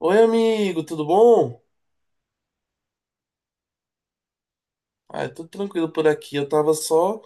Oi, amigo, tudo bom? Ah, tudo tranquilo por aqui. Eu tava só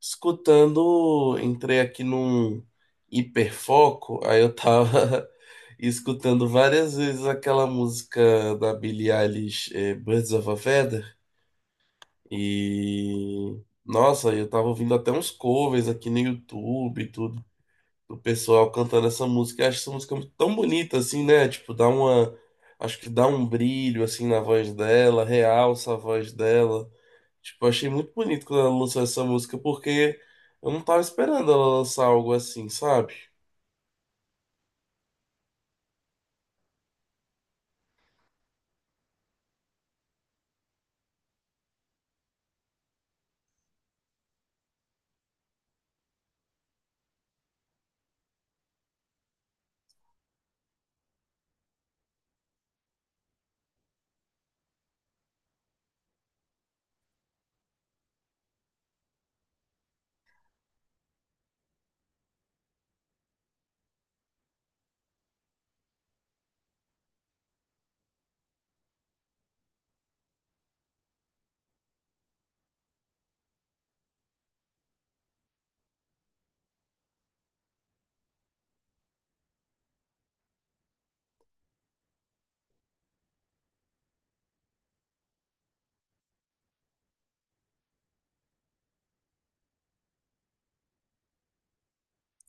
escutando, entrei aqui num hiperfoco, aí eu tava escutando várias vezes aquela música da Billie Eilish, Birds of a Feather, e nossa, eu tava ouvindo até uns covers aqui no YouTube e tudo. O pessoal cantando essa música. Eu acho essa música tão bonita assim, né? Tipo, dá uma. Acho que dá um brilho assim na voz dela, realça a voz dela. Tipo, eu achei muito bonito quando ela lançou essa música, porque eu não tava esperando ela lançar algo assim, sabe?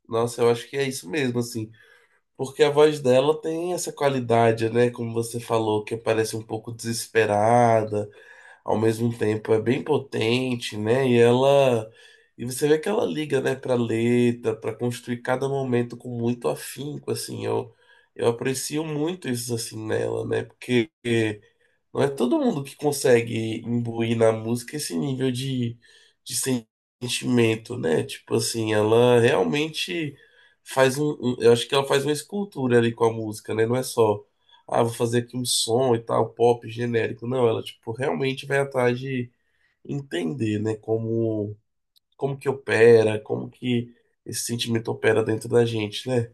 Nossa, eu acho que é isso mesmo, assim. Porque a voz dela tem essa qualidade, né? Como você falou, que parece um pouco desesperada. Ao mesmo tempo é bem potente, né? E ela e você vê que ela liga, né, para letra, para construir cada momento com muito afinco, assim. Eu aprecio muito isso assim nela, né? Porque não é todo mundo que consegue imbuir na música esse nível de sentimento, né? Tipo assim, ela realmente faz eu acho que ela faz uma escultura ali com a música, né? Não é só, ah, vou fazer aqui um som e tal, pop genérico. Não, ela, tipo, realmente vai atrás de entender, né? Como, como que opera, como que esse sentimento opera dentro da gente, né?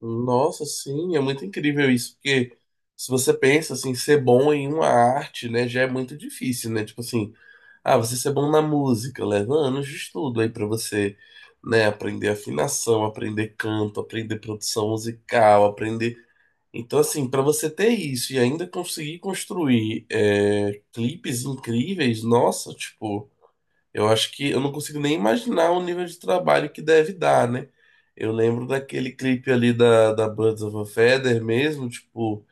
Nossa, sim, é muito incrível isso, porque se você pensa assim, ser bom em uma arte, né, já é muito difícil, né? Tipo assim, ah, você ser bom na música, leva anos de estudo aí pra você, né, aprender afinação, aprender canto, aprender produção musical, aprender. Então, assim, pra você ter isso e ainda conseguir construir clipes incríveis, nossa, tipo. Eu acho que eu não consigo nem imaginar o nível de trabalho que deve dar, né? Eu lembro daquele clipe ali da Birds of a Feather mesmo, tipo,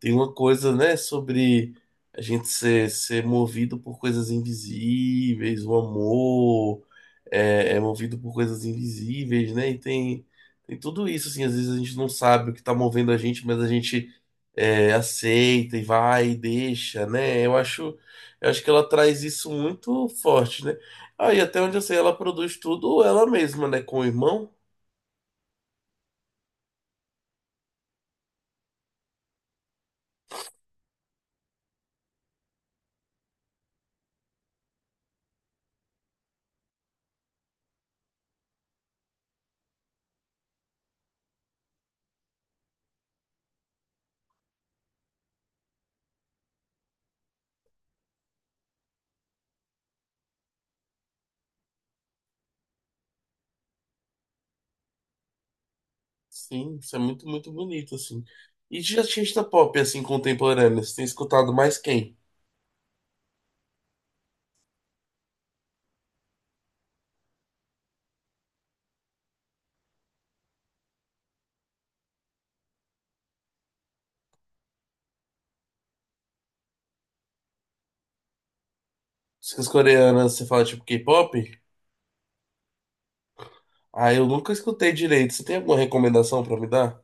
tem uma coisa, né, sobre a gente ser movido por coisas invisíveis, o amor é movido por coisas invisíveis, né? E tem, tem tudo isso, assim, às vezes a gente não sabe o que tá movendo a gente, mas a gente aceita e vai e deixa, né? Eu acho que ela traz isso muito forte, né? Aí, até onde eu sei, ela produz tudo ela mesma, né? Com o irmão. Sim, isso é muito, muito bonito, assim. E de artista pop, assim, contemporâneo, você tem escutado mais quem? As coreanas, você fala tipo K-pop? Ah, eu nunca escutei direito. Você tem alguma recomendação pra me dar?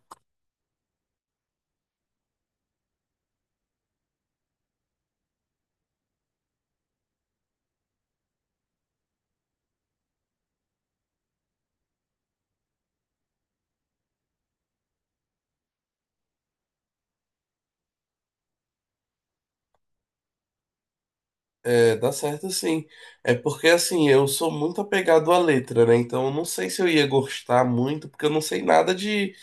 É, dá certo sim. É porque assim, eu sou muito apegado à letra, né? Então eu não sei se eu ia gostar muito, porque eu não sei nada de,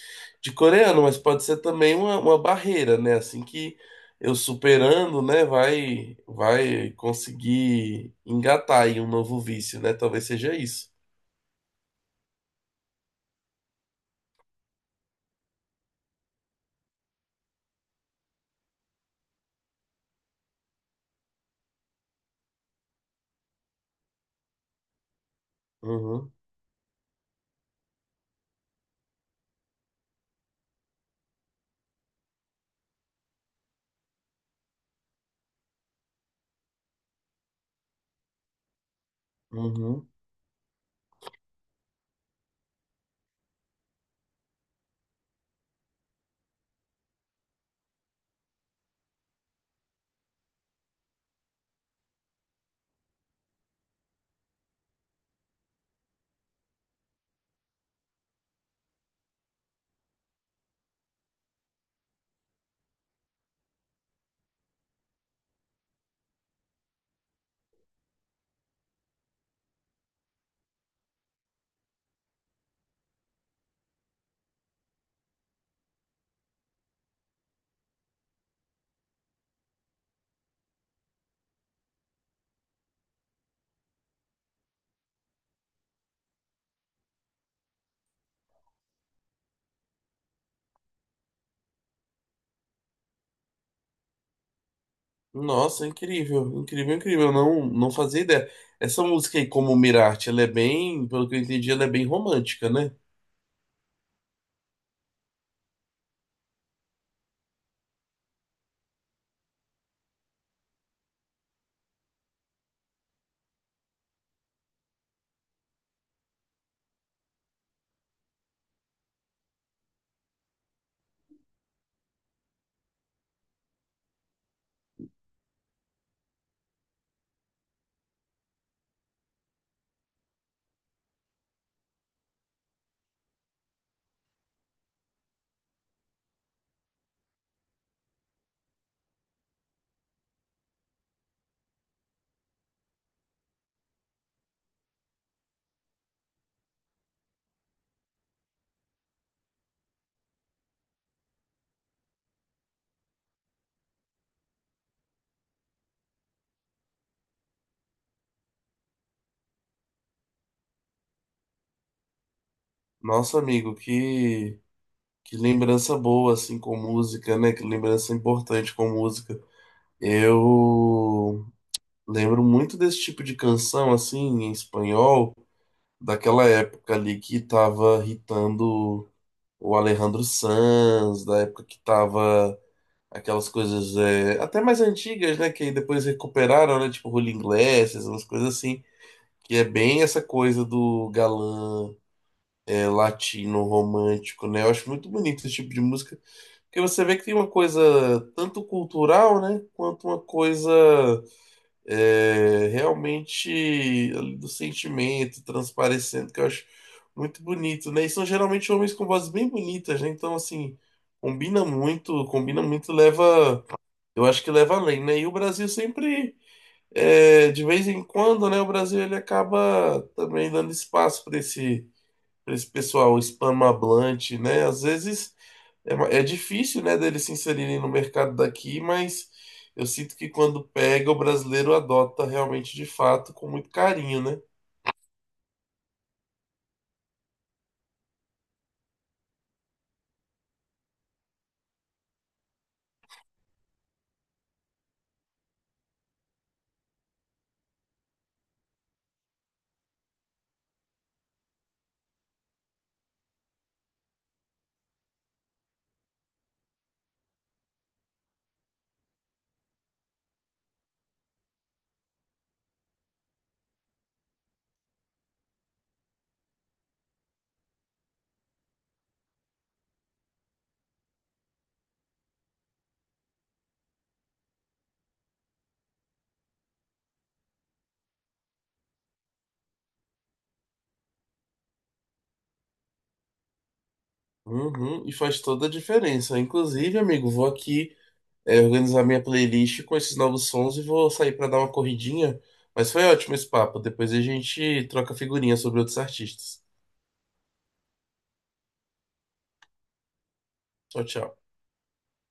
de coreano, mas pode ser também uma barreira, né? Assim que eu superando, né, vai, vai conseguir engatar aí um novo vício, né? Talvez seja isso. Uhum, uhum. Nossa, incrível, incrível, incrível. Eu não, não fazia ideia. Essa música aí, como Mirarte, ela é bem, pelo que eu entendi, ela é bem romântica, né? Nossa, amigo, que. Que lembrança boa, assim, com música, né? Que lembrança importante com música. Eu lembro muito desse tipo de canção, assim, em espanhol, daquela época ali que tava hitando o Alejandro Sanz, da época que tava aquelas coisas até mais antigas, né? Que aí depois recuperaram, né? Tipo Rolling Glasses, umas coisas assim. Que é bem essa coisa do galã latino, romântico, né? Eu acho muito bonito esse tipo de música. Porque você vê que tem uma coisa tanto cultural, né, quanto uma coisa realmente ali do sentimento transparecendo, que eu acho muito bonito, né? E são geralmente homens com vozes bem bonitas, né? Então, assim, combina muito, leva, eu acho que leva além, né? E o Brasil sempre, é, de vez em quando, né, o Brasil ele acaba também dando espaço para esse pessoal hispanohablante, né? Às vezes é difícil, né, deles se inserirem no mercado daqui, mas eu sinto que quando pega, o brasileiro adota realmente de fato com muito carinho, né? Uhum, e faz toda a diferença. Inclusive, amigo, vou aqui, é, organizar minha playlist com esses novos sons e vou sair para dar uma corridinha. Mas foi ótimo esse papo. Depois a gente troca figurinha sobre outros artistas. Tchau, tchau.